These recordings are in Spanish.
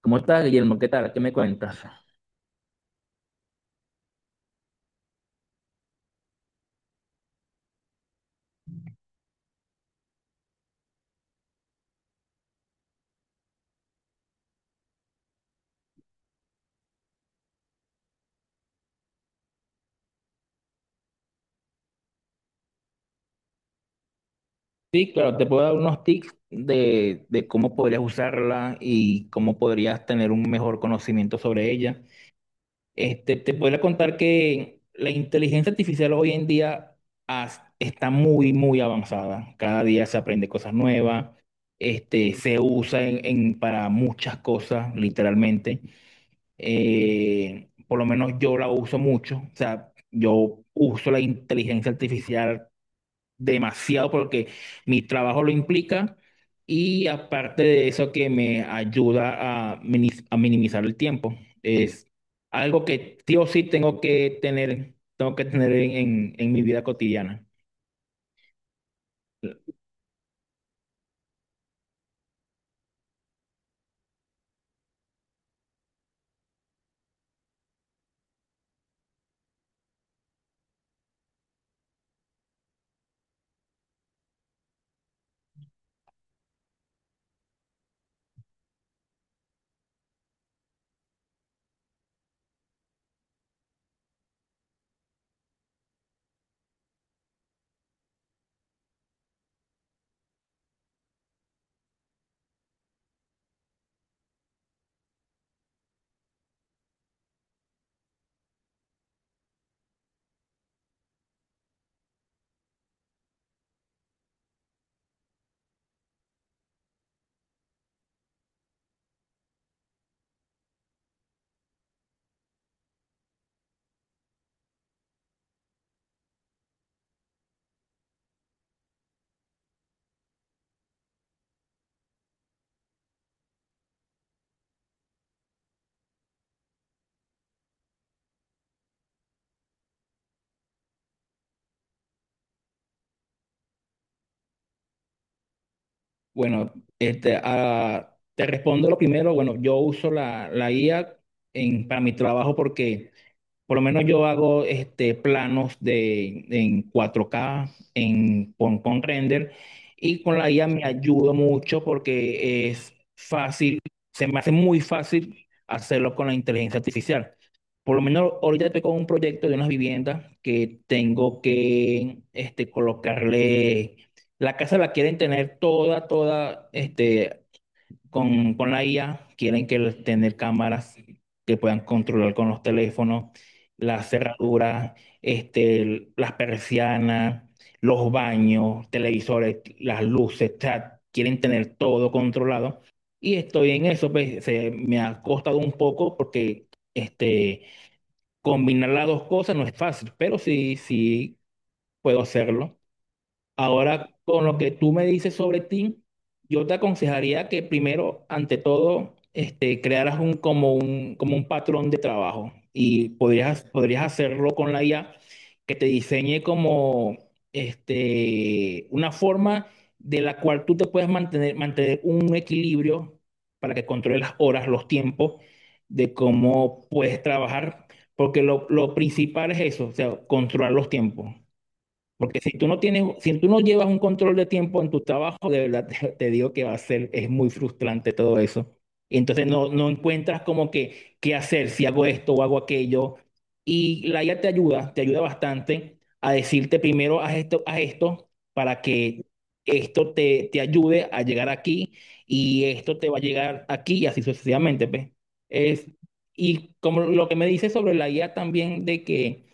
¿Cómo estás, Guillermo? ¿Qué tal? ¿Qué me cuentas? Sí, claro, te puedo dar unos tips de cómo podrías usarla y cómo podrías tener un mejor conocimiento sobre ella. Este, te podría contar que la inteligencia artificial hoy en día está muy, muy avanzada. Cada día se aprende cosas nuevas, este, se usa para muchas cosas, literalmente. Por lo menos yo la uso mucho. O sea, yo uso la inteligencia artificial demasiado porque mi trabajo lo implica y aparte de eso que me ayuda a, a minimizar el tiempo. Es algo que sí o sí tengo que tener en mi vida cotidiana. Bueno, este, te respondo lo primero. Bueno, yo uso la IA en, para mi trabajo porque... Por lo menos yo hago este, planos de, en 4K, en, con render, y con la IA me ayuda mucho porque es fácil, se me hace muy fácil hacerlo con la inteligencia artificial. Por lo menos ahorita estoy con un proyecto de unas viviendas que tengo que este, colocarle, la casa la quieren tener toda, toda este, con la IA, quieren que tener cámaras que puedan controlar con los teléfonos, las cerraduras, este, las persianas, los baños, televisores, las luces, o sea, quieren tener todo controlado. Y estoy en eso, pues, se me ha costado un poco porque este, combinar las dos cosas no es fácil, pero sí, sí puedo hacerlo. Ahora, con lo que tú me dices sobre ti, yo te aconsejaría que primero, ante todo, este, crearas un, como un, como un patrón de trabajo y podrías, podrías hacerlo con la IA que te diseñe como este, una forma de la cual tú te puedes mantener, mantener un equilibrio para que controles las horas, los tiempos de cómo puedes trabajar, porque lo principal es eso, o sea, controlar los tiempos. Porque si tú no tienes, si tú no llevas un control de tiempo en tu trabajo, de verdad te, te digo que va a ser, es muy frustrante todo eso. Y entonces no, no encuentras como que qué hacer, si hago esto o hago aquello. Y la IA te ayuda bastante a decirte primero haz esto, para que esto te, te ayude a llegar aquí y esto te va a llegar aquí y así sucesivamente, pues. Es, y como lo que me dice sobre la IA también de que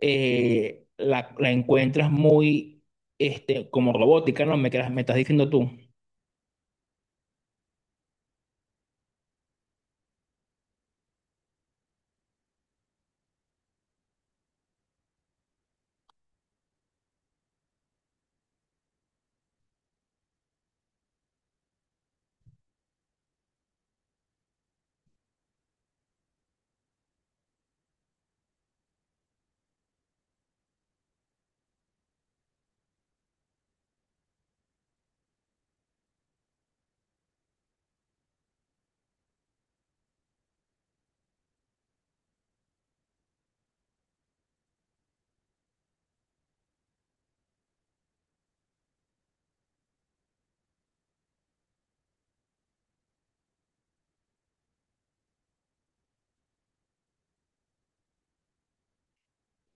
la encuentras muy este, como robótica, ¿no? Me, me estás diciendo tú.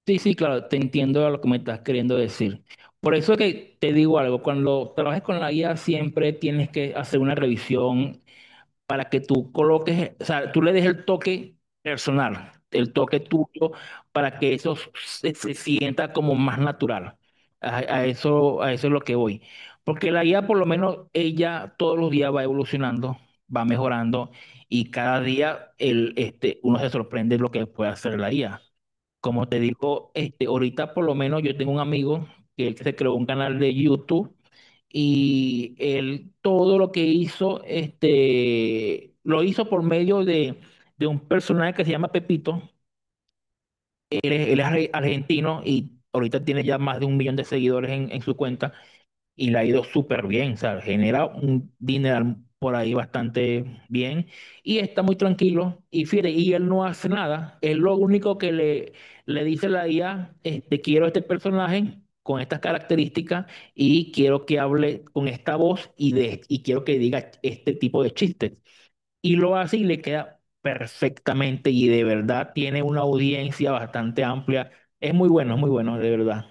Sí, sí, claro, te entiendo lo que me estás queriendo decir. Por eso que te digo algo, cuando trabajes con la IA siempre tienes que hacer una revisión para que tú coloques, o sea, tú le des el toque personal, el toque tuyo, para que eso se, se sienta como más natural. A eso es lo que voy. Porque la guía, por lo menos, ella todos los días va evolucionando, va mejorando y cada día el, este, uno se sorprende lo que puede hacer la guía. Como te digo, este, ahorita por lo menos yo tengo un amigo que él se creó un canal de YouTube y él todo lo que hizo, este, lo hizo por medio de un personaje que se llama Pepito. Él es argentino y ahorita tiene ya más de un millón de seguidores en su cuenta y le ha ido súper bien, ¿sabes? Genera un dinero por ahí bastante bien y está muy tranquilo. Y fíjate, y él no hace nada. Él lo único que le dice a la IA, este, quiero este personaje con estas características y quiero que hable con esta voz y, de, y quiero que diga este tipo de chistes. Y lo hace y le queda perfectamente y de verdad tiene una audiencia bastante amplia. Es muy bueno, de verdad.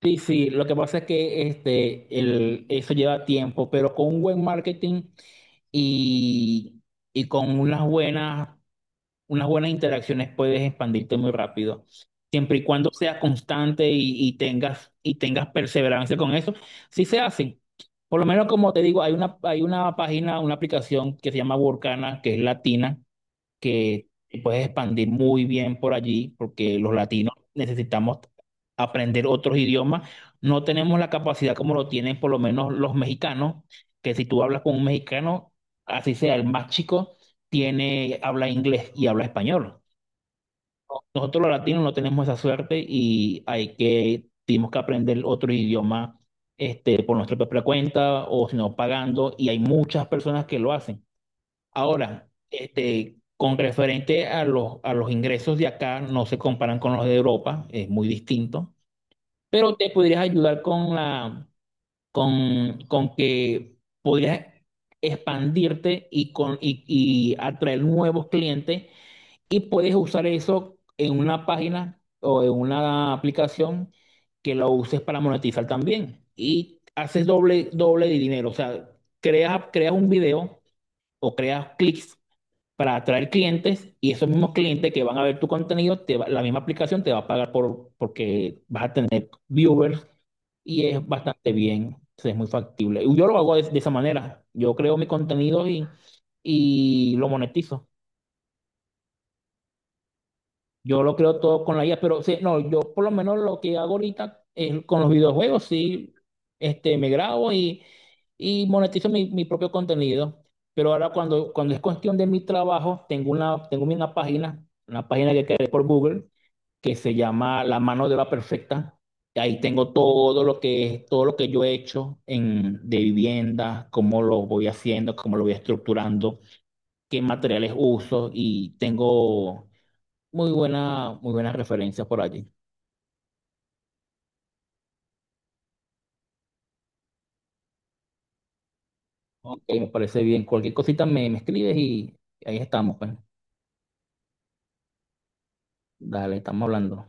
Sí, sí, lo que pasa es que este, el, eso lleva tiempo, pero con un buen marketing y, y con unas buenas interacciones puedes expandirte muy rápido. Siempre y cuando seas constante y tengas perseverancia con eso, sí se hace. Por lo menos, como te digo, hay una página, una aplicación que se llama Workana, que es latina que te puedes expandir muy bien por allí, porque los latinos necesitamos aprender otros idiomas. No tenemos la capacidad como lo tienen por lo menos los mexicanos, que si tú hablas con un mexicano, así sea el más chico, tiene, habla inglés y habla español. Nosotros los latinos no tenemos esa suerte y hay que, tenemos que aprender otro idioma este, por nuestra propia cuenta o si no pagando y hay muchas personas que lo hacen. Ahora, este, con referente a los ingresos de acá, no se comparan con los de Europa, es muy distinto, pero te podrías ayudar con la, con que podrías expandirte y, con, y atraer nuevos clientes y puedes usar eso en una página o en una aplicación que lo uses para monetizar también y haces doble, doble de dinero, o sea, creas, creas un video o creas clics para atraer clientes y esos mismos clientes que van a ver tu contenido, la misma aplicación te va a pagar por, porque vas a tener viewers y es bastante bien, es muy factible. Y yo lo hago de esa manera, yo creo mi contenido y lo monetizo. Yo lo creo todo con la IA, pero sí, no, yo por lo menos lo que hago ahorita es con los videojuegos, sí, este, me grabo y monetizo mi, mi propio contenido. Pero ahora cuando, cuando es cuestión de mi trabajo, tengo una página que creé por Google, que se llama La mano de la perfecta. Y ahí tengo todo lo que, es, todo lo que yo he hecho en, de vivienda, cómo lo voy haciendo, cómo lo voy estructurando, qué materiales uso y tengo muy buena, muy buenas referencias por allí. Ok, me parece bien. Cualquier cosita me, me escribes y ahí estamos, pues. Dale, estamos hablando.